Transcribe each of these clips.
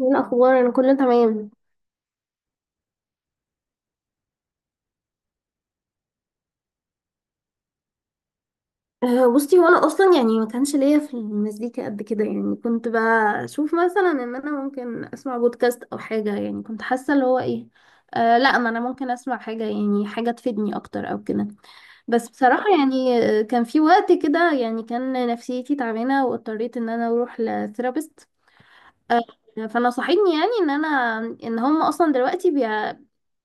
ايه الاخبار، انا كله تمام. بصي، وانا اصلا يعني ما كانش ليا في المزيكا قد كده، يعني كنت بشوف مثلا ان انا ممكن اسمع بودكاست او حاجه، يعني كنت حاسه اللي هو ايه. لا، ما انا ممكن اسمع حاجه، يعني حاجه تفيدني اكتر او كده. بس بصراحه يعني كان في وقت كده يعني كان نفسيتي تعبانه واضطريت ان انا اروح لثيرابيست. آه، فنصحتني يعني ان انا، ان هم اصلا دلوقتي بي...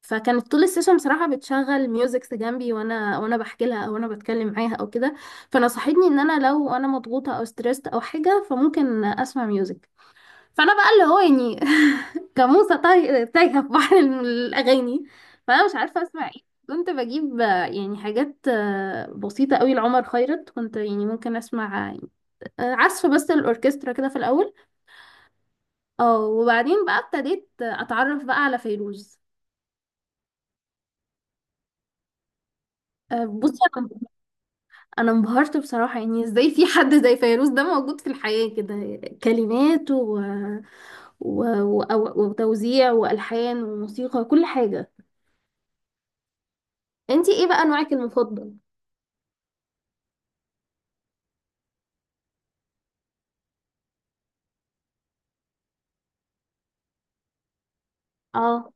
فكانت طول السيشن بصراحه بتشغل ميوزكس جنبي وانا بحكي لها، او انا بتكلم معاها او كده. فنصحتني ان انا لو انا مضغوطه او ستريسد او حاجه فممكن اسمع ميوزك. فانا بقى اللي هو يعني كموسه تايهة في بحر الاغاني، فانا مش عارفه اسمع ايه. كنت بجيب يعني حاجات بسيطه قوي لعمر خيرت، كنت يعني ممكن اسمع عزف بس الاوركسترا كده في الاول. اه وبعدين بقى ابتديت اتعرف بقى على فيروز. بصي، انا انبهرت بصراحه، يعني ازاي في حد زي فيروز ده موجود في الحياه كده، كلمات و... و... و... وتوزيع والحان وموسيقى، كل حاجه. انتي ايه بقى نوعك المفضل؟ اه.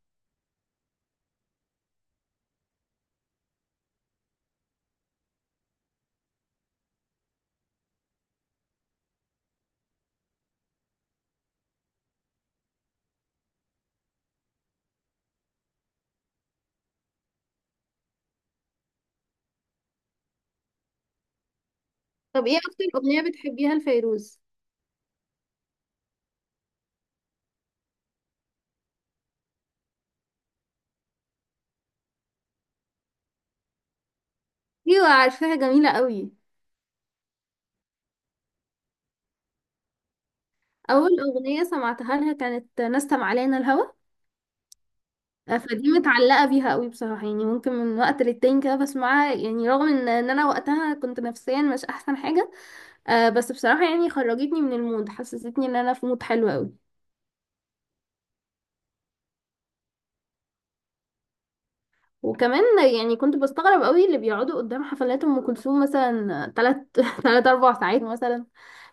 طب ايه اكتر اغنيه بتحبيها لفيروز؟ ايوه، عارفاها، جميله قوي. اول اغنيه سمعتها لها كانت نسم علينا الهوى. فدي متعلقة بيها قوي بصراحة، يعني ممكن من وقت للتاني كده بسمعها، يعني رغم ان انا وقتها كنت نفسيا مش احسن حاجة. بس بصراحة يعني خرجتني من المود، حسستني ان انا في مود حلو قوي. وكمان يعني كنت بستغرب قوي اللي بيقعدوا قدام حفلات ام كلثوم مثلا تلات تلات اربع ساعات مثلا.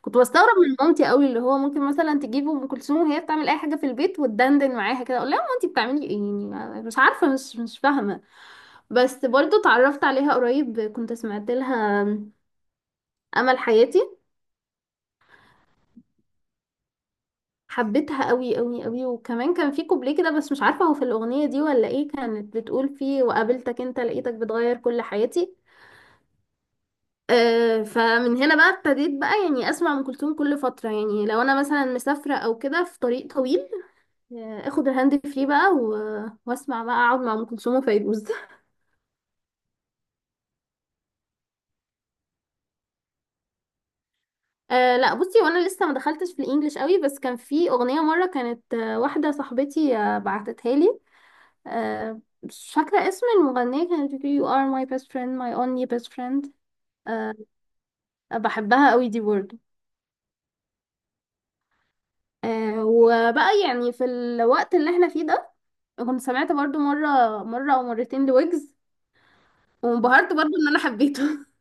كنت بستغرب من مامتي قوي، اللي هو ممكن مثلا تجيب ام كلثوم وهي بتعمل اي حاجه في البيت وتدندن معاها كده، اقول لها مامتي بتعملي ايه؟ يعني مش عارفه، مش فاهمه. بس برضو اتعرفت عليها قريب، كنت سمعت لها امل حياتي. حبيتها قوي قوي قوي. وكمان كان في كوبليه كده، بس مش عارفه هو في الاغنيه دي ولا ايه، كانت بتقول فيه وقابلتك انت لقيتك بتغير كل حياتي. فمن هنا بقى ابتديت بقى يعني اسمع ام كلثوم كل فتره، يعني لو انا مثلا مسافره او كده في طريق طويل، اخد الهاند فري بقى و- واسمع بقى، اقعد مع ام كلثوم وفيروز لا، بصي، وانا لسه ما دخلتش في الانجليش قوي، بس كان في اغنيه مره كانت واحده صاحبتي بعتتها لي. مش فاكرة اسم المغنية، كانت بتقول you are my best friend my only best friend. آه، بحبها قوي دي برضه. وبقى يعني في الوقت اللي احنا فيه ده كنت سمعت برضه مرة أو مرتين لويجز، وانبهرت برضه إن أنا حبيته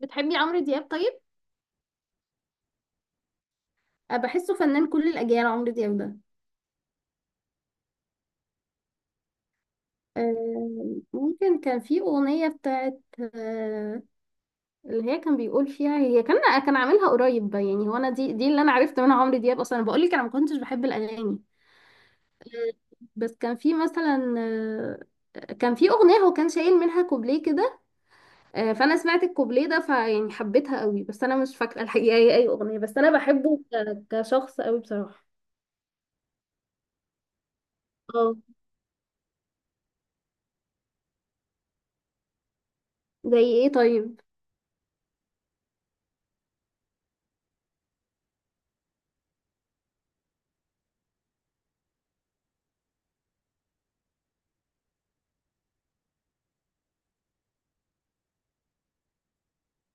بتحبي عمرو دياب طيب؟ بحسه فنان كل الأجيال عمرو دياب ده. ممكن كان في أغنية بتاعت آه، اللي هي كان بيقول فيها، هي كان كان عاملها قريب، يعني هو أنا دي اللي أنا عرفت منها عمرو دياب أصلا. أنا بقول لك أنا ما كنتش بحب الأغاني، بس كان في مثلا كان في اغنيه هو كان شايل منها كوبليه كده. فانا سمعت الكوبليه ده، فيعني حبيتها قوي، بس انا مش فاكره الحقيقه هي اي اغنيه، بس انا بحبه كشخص قوي بصراحه. اه. زي ايه طيب؟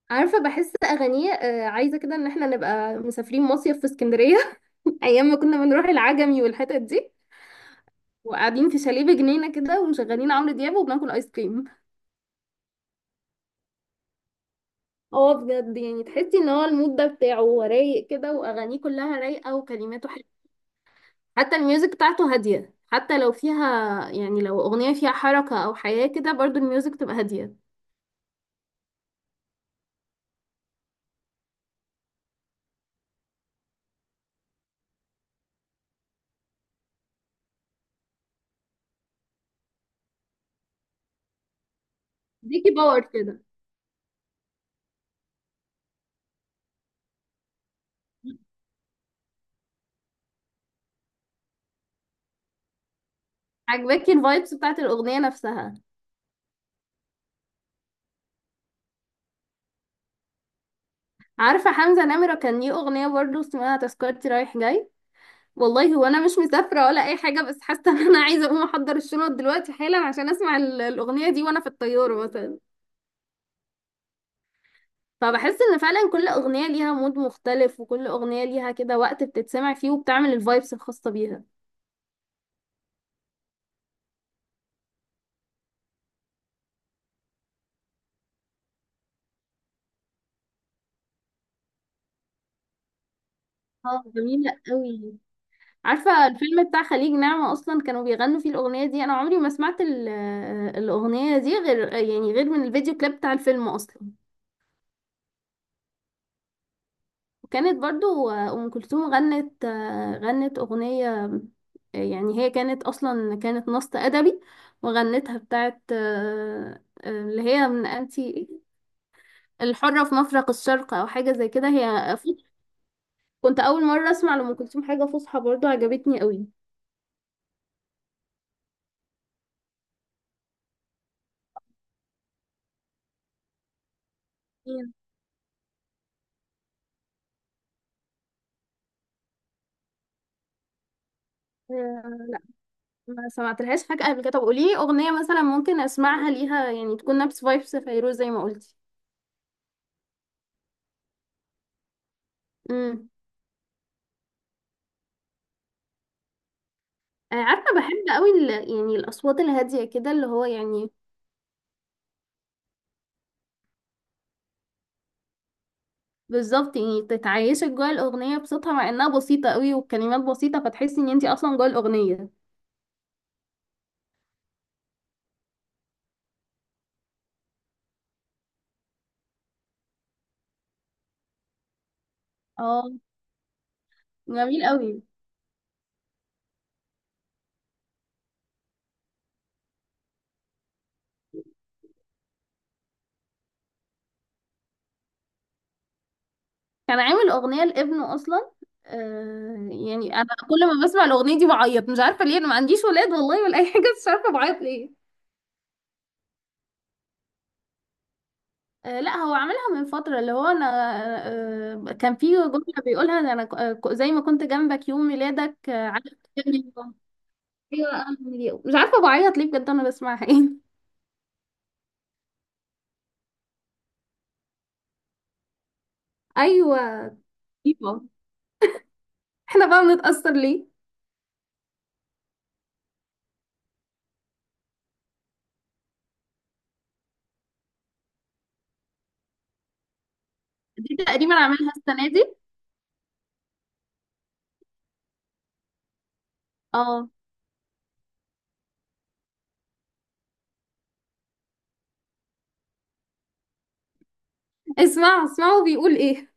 عارفه، بحس اغانيه عايزه كده ان احنا نبقى مسافرين مصيف في اسكندريه ايام ما كنا بنروح العجمي والحتت دي، وقاعدين في شاليه بجنينه كده، ومشغلين عمرو دياب وبناكل ايس كريم. اه، بجد، يعني تحسي ان هو المود ده بتاعه هو رايق كده، واغانيه كلها رايقه، وكلماته حتى الميوزك بتاعته هادية، حتى لو فيها يعني لو أغنية فيها حركة أو حياة كده برضو الميوزك تبقى هادية. ديكي باور كده. عجباكي الفايبس بتاعت الأغنية نفسها؟ عارفة حمزة نمرة كان ليه أغنية برضو اسمها تذكرتي رايح جاي؟ والله هو أنا مش مسافرة ولا أي حاجة، بس حاسة إن أنا عايزة أقوم أحضر الشنط دلوقتي حالا عشان أسمع الأغنية دي وأنا في الطيارة مثلا. فبحس إن فعلا كل أغنية ليها مود مختلف، وكل أغنية ليها كده وقت بتتسمع فيه، وبتعمل الفايبس الخاصة بيها. اه، جميلة قوي. عارفة الفيلم بتاع خليج نعمة أصلا كانوا بيغنوا فيه الأغنية دي؟ أنا عمري ما سمعت الأغنية دي غير، يعني غير من الفيديو كليب بتاع الفيلم أصلا. وكانت برضو أم كلثوم غنت أغنية، يعني هي كانت أصلا كانت نص أدبي، وغنتها بتاعت اللي هي من أنتي الحرة في مفرق الشرق أو حاجة زي كده هي. كنت أول مرة أسمع لأم كلثوم حاجة فصحى، برضو عجبتني قوي. ما سمعتلهاش حاجة قبل كده. طب قولي لي أغنية مثلا ممكن أسمعها ليها يعني تكون نفس فايبس فيروز زي ما قلتي. امم. عارفة بحب قوي ال... يعني الأصوات الهادية كده اللي هو يعني بالظبط يعني تتعيشك جوه الأغنية بصوتها مع إنها بسيطة قوي والكلمات بسيطة، فتحسي إن انتي أصلا جوه الأغنية. اه، جميل قوي. كان عامل أغنية لابنه أصلا. يعني أنا كل ما بسمع الأغنية دي بعيط، مش عارفة ليه، أنا ما عنديش ولاد والله ولا أي حاجة، بس مش عارفة بعيط ليه. لا، هو عملها من فترة، اللي هو انا كان في جملة بيقولها ده انا زي ما كنت جنبك يوم ميلادك، عارف تفتكرني يوم. ايوه، أنا اليوم. مش عارفة بعيط ليه بجد، انا بسمعها ايه. ايوه. أيوة. احنا بقى بنتأثر ليه؟ دي تقريبا عاملها السنة دي. اه. اسمعوا بيقول ايه.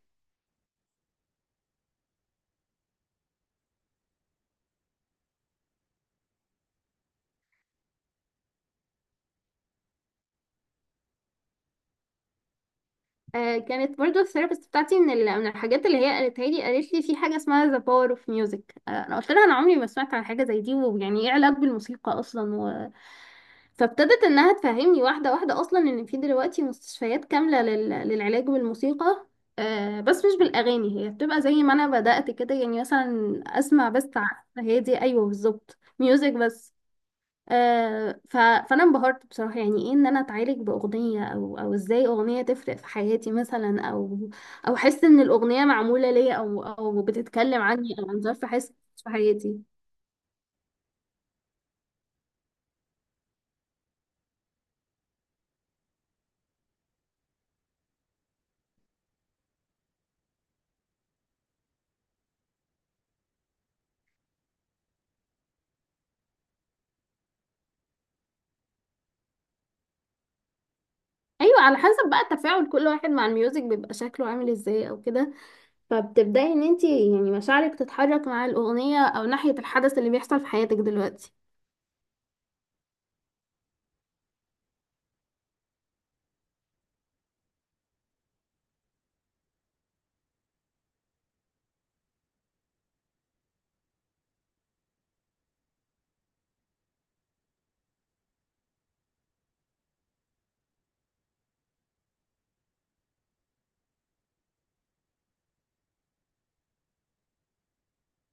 كانت برضو الثيرابيست بتاعتي من من الحاجات اللي هي قالت لي في حاجة اسمها ذا باور اوف ميوزك. انا قلت لها انا عمري ما سمعت عن حاجة زي دي، ويعني ايه علاج بالموسيقى اصلا. فابتدت انها تفهمني واحده واحده، اصلا ان في دلوقتي مستشفيات كامله للعلاج بالموسيقى. بس مش بالاغاني، هي بتبقى زي ما انا بدات كده يعني مثلا اسمع بس هي دي، ايوه بالظبط، ميوزك بس. فانا انبهرت بصراحه، يعني ايه ان انا اتعالج باغنيه، او ازاي اغنيه تفرق في حياتي مثلا، او او احس ان الاغنيه معموله ليا، او بتتكلم عني او عن ظرف حاسس في حياتي. ايوه، على حسب بقى تفاعل كل واحد مع الميوزك بيبقى شكله عامل ازاي او كده، فبتبدأي ان انتي يعني مشاعرك تتحرك مع الأغنية او ناحية الحدث اللي بيحصل في حياتك دلوقتي.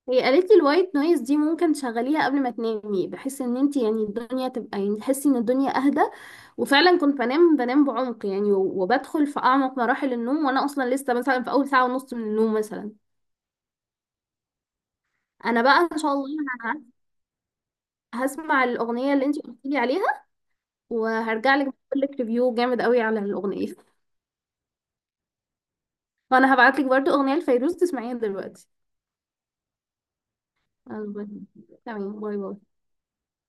هي قالت لي الوايت نويز دي ممكن تشغليها قبل ما تنامي، بحيث ان انتي يعني الدنيا تبقى يعني تحسي ان الدنيا اهدى. وفعلا كنت بنام بعمق يعني، و- وبدخل في اعمق مراحل النوم وانا اصلا لسه مثلا في اول ساعة ونص من النوم مثلا. انا بقى ان شاء الله ه- هسمع الأغنية اللي انتي قلت لي عليها، وهرجع لك اقول لك ريفيو جامد قوي على الأغنية. وانا هبعت لك برضو أغنية لفيروز تسمعيها دلوقتي. البته. تمام، باي باي.